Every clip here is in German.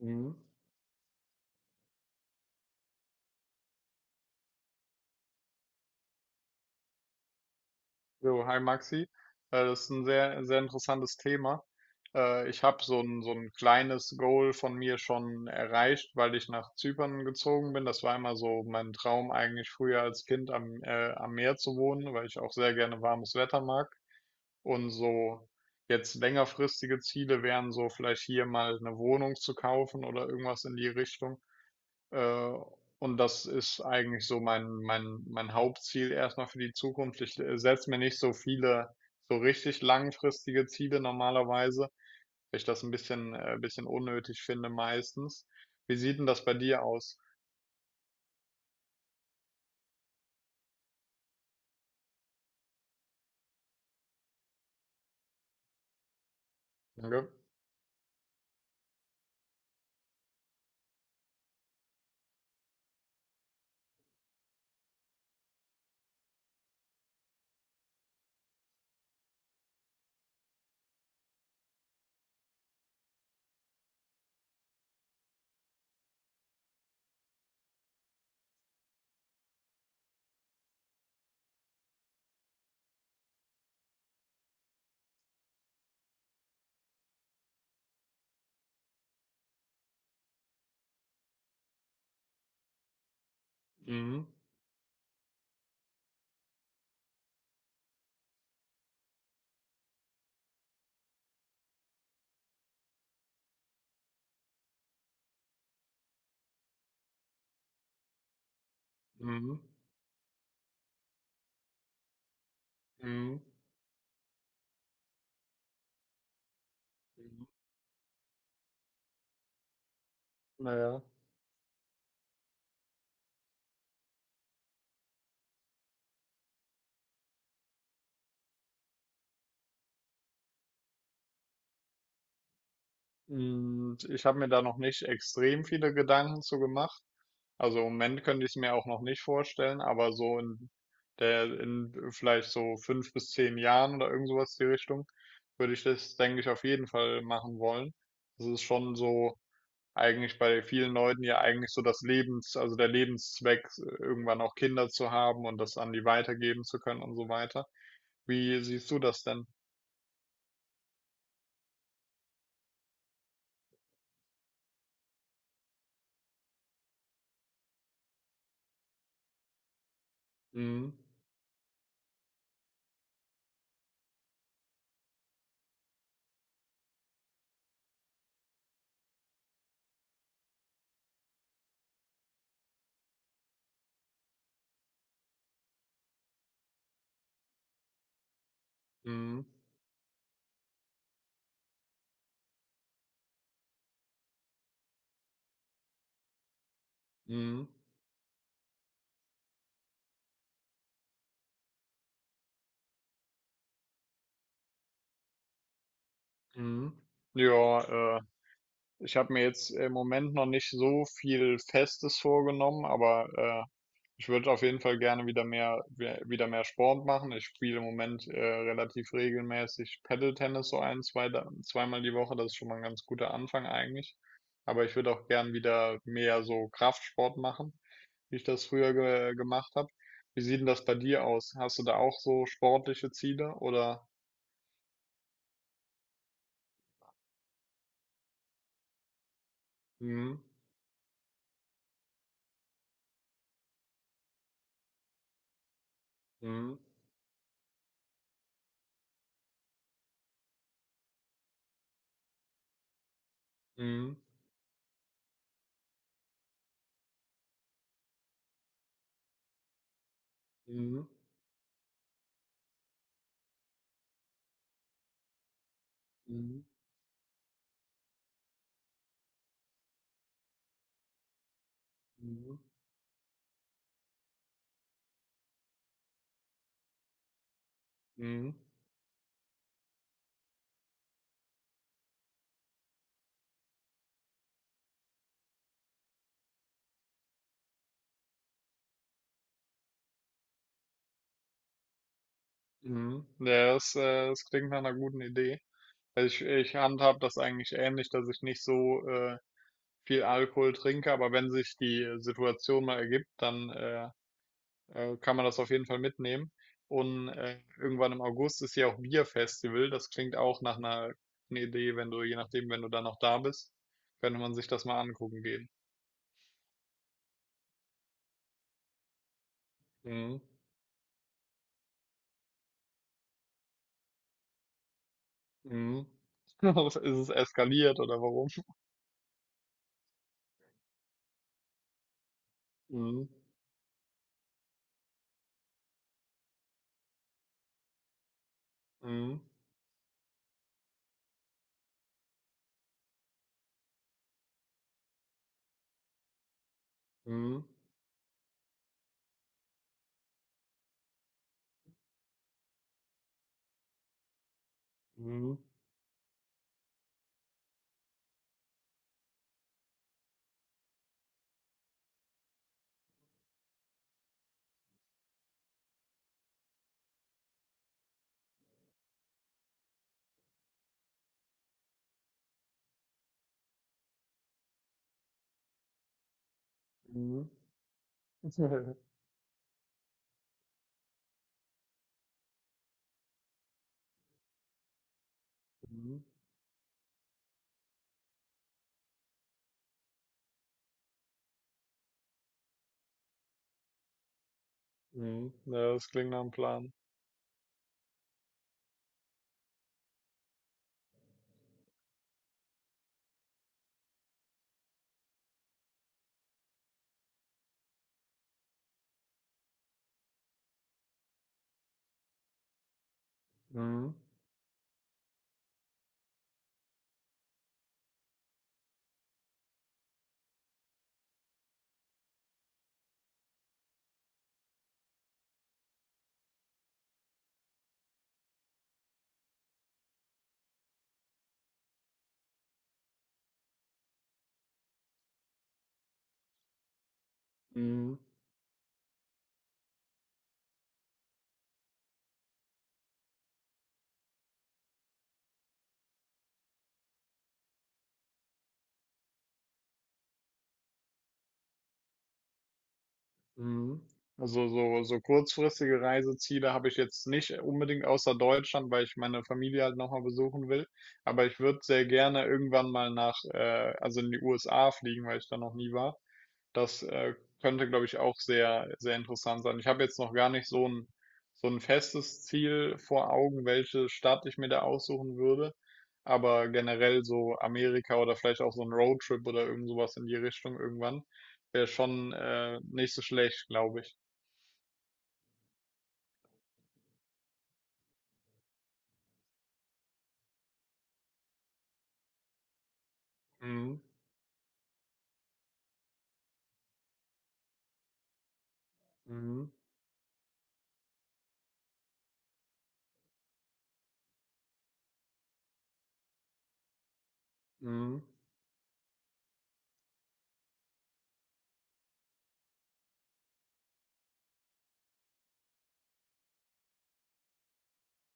Mhm. So, hi Maxi. Das ist ein sehr, sehr interessantes Thema. Ich habe so ein kleines Goal von mir schon erreicht, weil ich nach Zypern gezogen bin. Das war immer so mein Traum, eigentlich früher als Kind am Meer zu wohnen, weil ich auch sehr gerne warmes Wetter mag. Und so jetzt längerfristige Ziele wären so vielleicht hier mal eine Wohnung zu kaufen oder irgendwas in die Richtung. Äh, und das ist eigentlich so mein Hauptziel erstmal für die Zukunft. Ich setze mir nicht so viele, so richtig langfristige Ziele normalerweise, weil ich das ein bisschen unnötig finde meistens. Wie sieht denn das bei dir aus? Danke. Mhm. Mhm. Mhm. Mhm. Naja. Ich habe mir da noch nicht extrem viele Gedanken zu gemacht. Also im Moment könnte ich es mir auch noch nicht vorstellen, aber so in vielleicht so fünf bis zehn Jahren oder irgend sowas die Richtung, würde ich das, denke ich, auf jeden Fall machen wollen. Das ist schon so eigentlich bei vielen Leuten ja eigentlich so also der Lebenszweck, irgendwann auch Kinder zu haben und das an die weitergeben zu können und so weiter. Wie siehst du das denn? Mhm. Mhm. Mhm. Mhm. Ja, ich habe mir jetzt im Moment noch nicht so viel Festes vorgenommen, aber äh, ich würde auf jeden Fall gerne wieder wieder mehr Sport machen. Ich spiele im Moment relativ regelmäßig Paddle-Tennis so zweimal die Woche. Das ist schon mal ein ganz guter Anfang eigentlich. Aber ich würde auch gern wieder mehr so Kraftsport machen, wie ich das früher ge gemacht habe. Wie sieht denn das bei dir aus? Hast du da auch so sportliche Ziele oder? Mhm. Mhm. Mhm. Mhm. Mhm. Mhm. Mhm. Mhm. Ja, das klingt nach einer guten Idee. Also ich handhab das eigentlich ähnlich, dass ich nicht so äh, viel Alkohol trinke, aber wenn sich die Situation mal ergibt, dann kann man das auf jeden Fall mitnehmen. Und irgendwann im August ist ja auch Bierfestival. Das klingt auch nach einer guten Idee, wenn du, je nachdem, wenn du dann noch da bist, könnte man sich das mal angucken gehen. Mhm. Mhm. Ist es eskaliert oder warum? Mhm. Mhm. Mhm. Mhm. Mhm. Mhm. Mhm. Ja, das klingt nach 'm Plan. Mhm. Mhm. Mhm. Also, so kurzfristige Reiseziele habe ich jetzt nicht unbedingt außer Deutschland, weil ich meine Familie halt noch mal besuchen will. Aber ich würde sehr gerne irgendwann mal in die USA fliegen, weil ich da noch nie war. Das könnte, glaube ich, auch sehr, sehr interessant sein. Ich habe jetzt noch gar nicht so ein festes Ziel vor Augen, welche Stadt ich mir da aussuchen würde. Aber generell so Amerika oder vielleicht auch so ein Roadtrip oder irgend sowas in die Richtung irgendwann wäre schon nicht so schlecht, glaube ich. Mhm. Mhm. Mhm.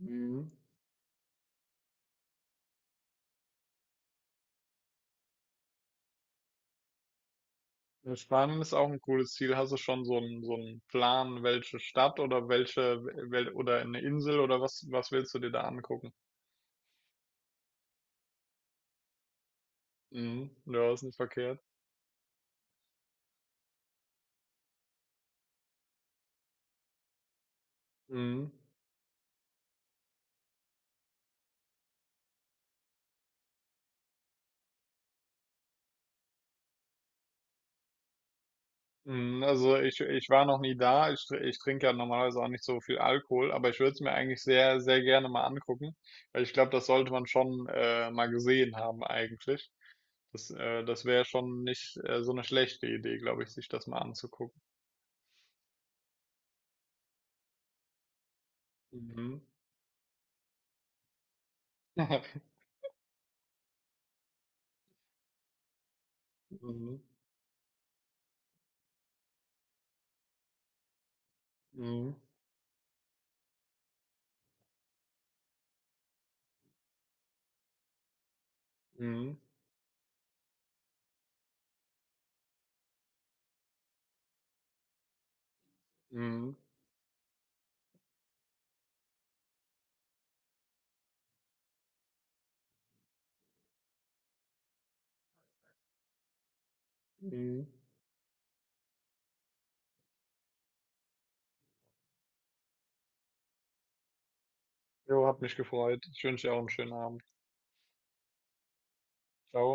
Mhm. Ja, Spanien ist auch ein cooles Ziel. Hast du schon so einen Plan, welche Stadt oder welche, wel oder eine Insel oder was willst du dir da angucken? Mhm. Ja, ist nicht verkehrt. Mhm. Mhm. Also ich war noch nie da. Ich trinke ja normalerweise auch nicht so viel Alkohol, aber ich würde es mir eigentlich sehr, sehr gerne mal angucken, weil ich glaube, das sollte man schon mal gesehen haben eigentlich. Das wäre schon nicht so eine schlechte Idee, glaube ich, sich das mal anzugucken. Mhm. Mhm. Mhm. Mhm. Mhm. Mhm. Jo, hat mich gefreut. Ich wünsche dir auch einen schönen Abend. Ciao.